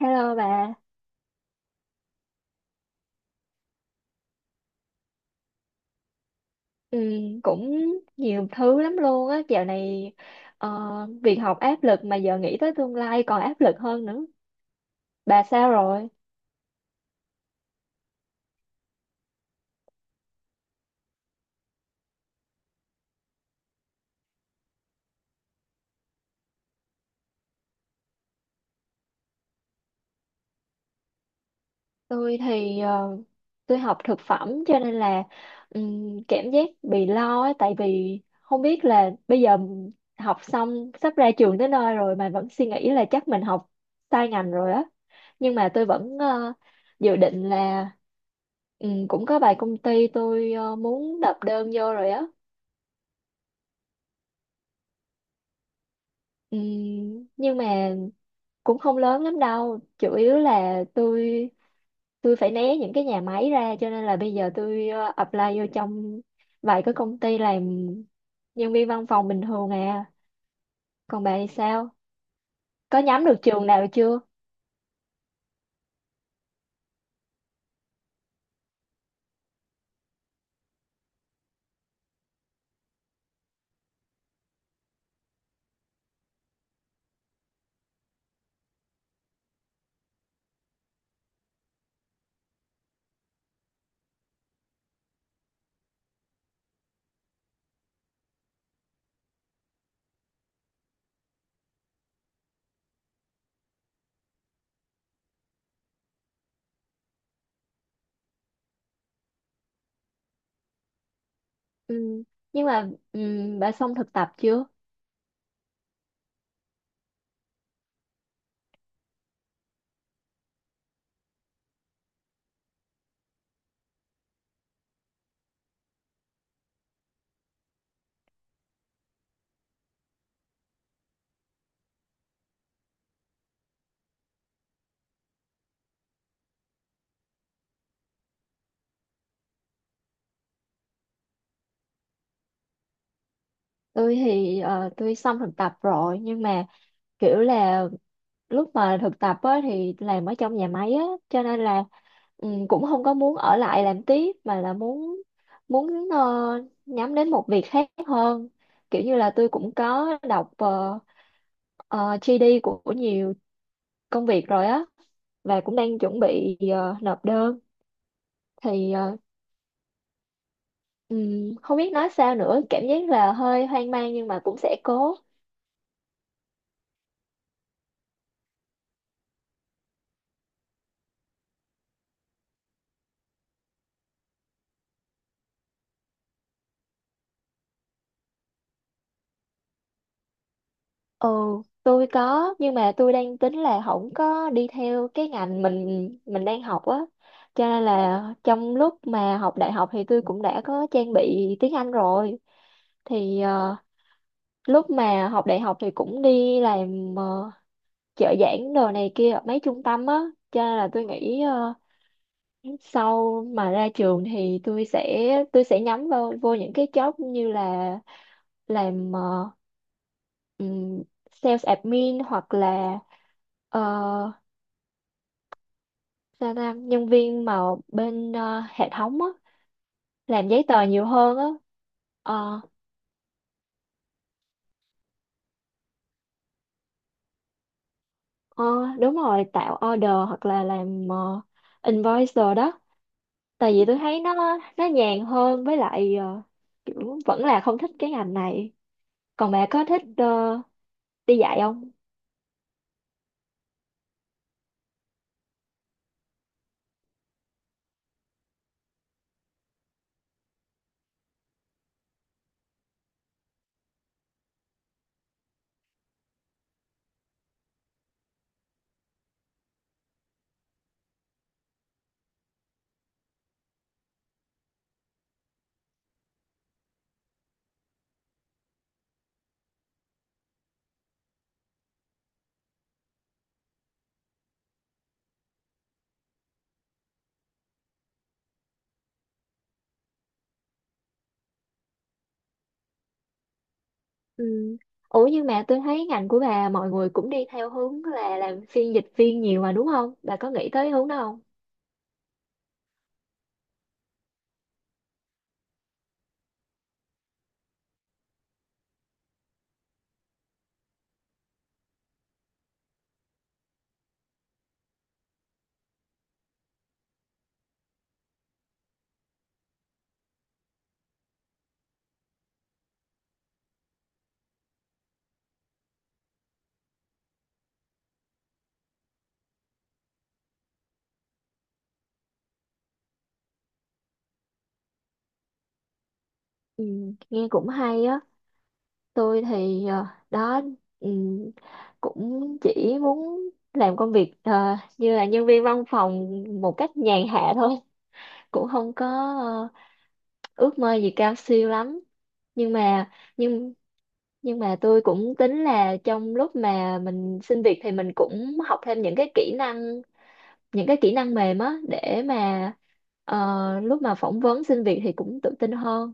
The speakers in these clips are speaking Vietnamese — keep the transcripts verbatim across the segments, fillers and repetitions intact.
Hello bà. ừ, Cũng nhiều thứ lắm luôn á, dạo này ờ, việc học áp lực mà giờ nghĩ tới tương lai còn áp lực hơn nữa. Bà sao rồi? Tôi thì ờ, tôi học thực phẩm cho nên là ừm, cảm giác bị lo á, tại vì không biết là bây giờ học xong sắp ra trường tới nơi rồi mà vẫn suy nghĩ là chắc mình học sai ngành rồi á. Nhưng mà tôi vẫn ờ, dự định là ừm, cũng có vài công ty tôi ờ, muốn nộp đơn vô rồi á. Ừ, nhưng mà cũng không lớn lắm đâu, chủ yếu là tôi tôi phải né những cái nhà máy ra, cho nên là bây giờ tôi ờ, apply vô trong vài cái công ty làm nhân viên văn phòng bình thường à. Còn bà thì sao, có nhắm được trường nào chưa? Ừ. Nhưng mà ừ, bà xong thực tập chưa? Tôi thì ờ, tôi xong thực tập rồi, nhưng mà kiểu là lúc mà thực tập á, thì làm ở trong nhà máy á, cho nên là ừ, cũng không có muốn ở lại làm tiếp mà là muốn muốn ờ, nhắm đến một việc khác hơn. Kiểu như là tôi cũng có đọc ờ, ờ, giê đê của, của nhiều công việc rồi á, và cũng đang chuẩn bị ờ, nộp đơn thì ờ, ừm, không biết nói sao nữa, cảm giác là hơi hoang mang nhưng mà cũng sẽ cố. Ừ, tôi có, nhưng mà tôi đang tính là không có đi theo cái ngành mình mình đang học á. Cho nên là trong lúc mà học đại học thì tôi cũng đã có trang bị tiếng Anh rồi. Thì ờ, lúc mà học đại học thì cũng đi làm ờ, trợ giảng đồ này kia ở mấy trung tâm á. Cho nên là tôi nghĩ ờ, sau mà ra trường thì tôi sẽ tôi sẽ nhắm vào vô những cái job như là làm ờ, ừm, sales admin hoặc là ờ, sao ta nhân viên mà bên ờ, hệ thống á, làm giấy tờ nhiều hơn á. Ờ, ờ, đúng rồi, tạo order hoặc là làm ờ, invoice rồi đó. Tại vì tôi thấy nó nó nhàn hơn, với lại ờ, kiểu vẫn là không thích cái ngành này. Còn bà có thích ờ, đi dạy không? Ừ. Ủa nhưng mà tôi thấy ngành của bà mọi người cũng đi theo hướng là làm phiên dịch viên nhiều mà đúng không? Bà có nghĩ tới hướng đó không? Ừ, nghe cũng hay á. Tôi thì ờ, đó ừ, cũng chỉ muốn làm công việc ờ, như là nhân viên văn phòng một cách nhàn hạ thôi, cũng không có ờ, ước mơ gì cao siêu lắm. Nhưng mà nhưng nhưng mà tôi cũng tính là trong lúc mà mình xin việc thì mình cũng học thêm những cái kỹ năng, những cái kỹ năng mềm á, để mà ờ, lúc mà phỏng vấn xin việc thì cũng tự tin hơn.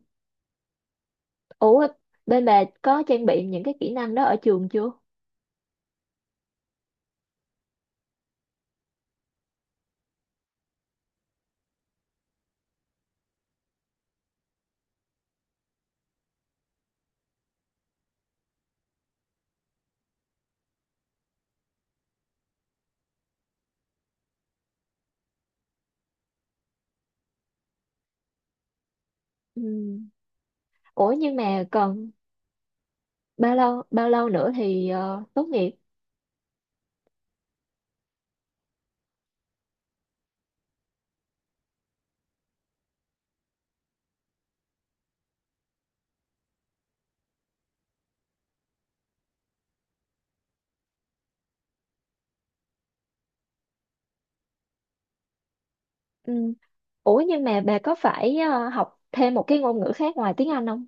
Ủa bên bà có trang bị những cái kỹ năng đó ở trường chưa? Ừ. Ủa nhưng mà còn bao lâu bao lâu nữa thì ờ, tốt nghiệp? Ừ. Ủa nhưng mà bà có phải ờ, học thêm một cái ngôn ngữ khác ngoài tiếng Anh không?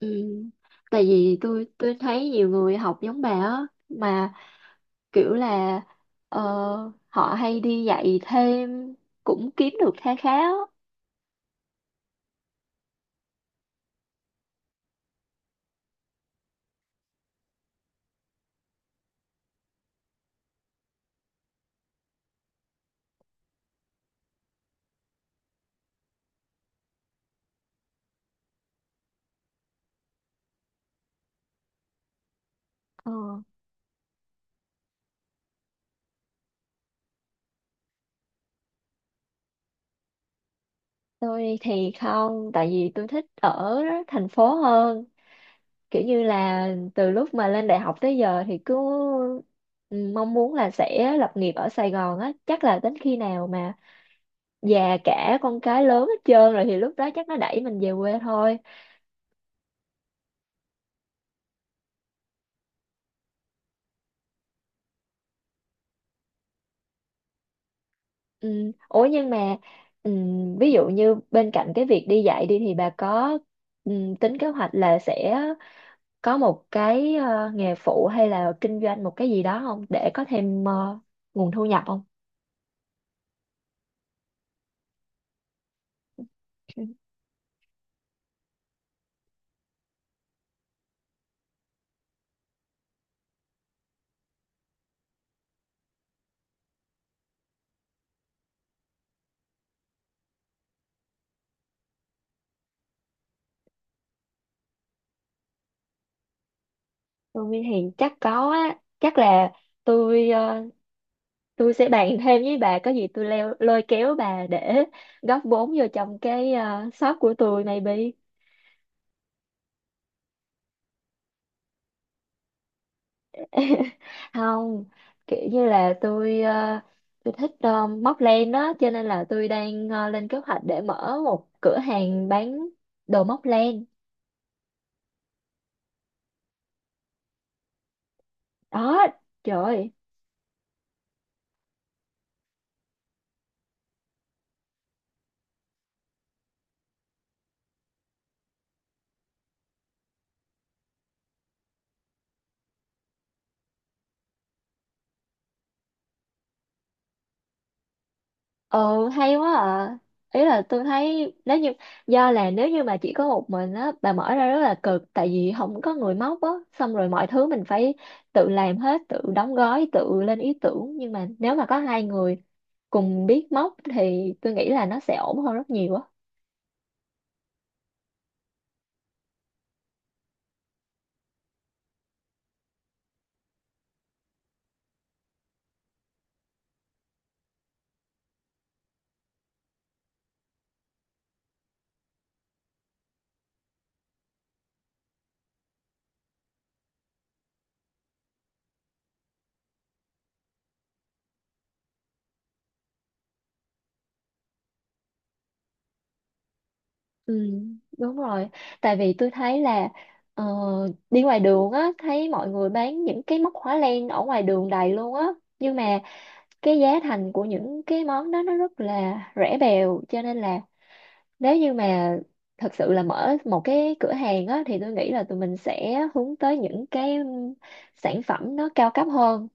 Ừ. Tại vì tôi tôi thấy nhiều người học giống bà á mà kiểu là ờ, họ hay đi dạy thêm cũng kiếm được kha khá á. Ờ. Tôi thì không, tại vì tôi thích ở thành phố hơn. Kiểu như là từ lúc mà lên đại học tới giờ thì cứ mong muốn là sẽ lập nghiệp ở Sài Gòn á. Chắc là đến khi nào mà già cả, con cái lớn hết trơn rồi thì lúc đó chắc nó đẩy mình về quê thôi. Ừ. Ủa nhưng mà ừ, ví dụ như bên cạnh cái việc đi dạy đi thì bà có ừ, tính kế hoạch là sẽ có một cái ờ, nghề phụ hay là kinh doanh một cái gì đó không, để có thêm ờ, nguồn thu nhập không? Tôi thì chắc có á, chắc là tôi ờ, tôi sẽ bàn thêm với bà. Có gì tôi leo lôi kéo bà để góp vốn vô trong cái ờ, shop của tôi maybe. Không, kiểu như là tôi ờ, tôi thích ờ, móc len đó, cho nên là tôi đang ờ, lên kế hoạch để mở một cửa hàng bán đồ móc len. Đó, trời ơi. Ừ, hay quá à. Ý là tôi thấy nếu như, do là nếu như mà chỉ có một mình á, bà mở ra rất là cực, tại vì không có người móc á, xong rồi mọi thứ mình phải tự làm hết, tự đóng gói, tự lên ý tưởng. Nhưng mà nếu mà có hai người cùng biết móc thì tôi nghĩ là nó sẽ ổn hơn rất nhiều á. Ừ, đúng rồi. Tại vì tôi thấy là ờ, đi ngoài đường á thấy mọi người bán những cái móc khóa len ở ngoài đường đầy luôn á. Nhưng mà cái giá thành của những cái món đó nó rất là rẻ bèo, cho nên là nếu như mà thật sự là mở một cái cửa hàng á thì tôi nghĩ là tụi mình sẽ hướng tới những cái um, sản phẩm nó cao cấp hơn.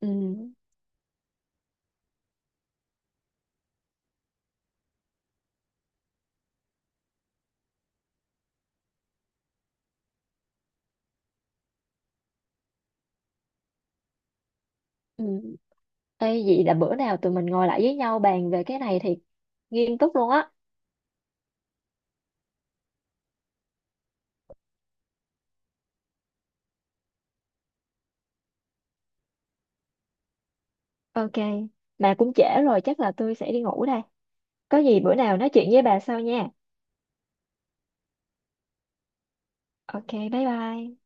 Ừ. Ừ. Ê, vậy là bữa nào tụi mình ngồi lại với nhau bàn về cái này thì nghiêm túc luôn á. Ok, mà cũng trễ rồi, chắc là tôi sẽ đi ngủ đây. Có gì bữa nào nói chuyện với bà sau nha. Ok, bye bye.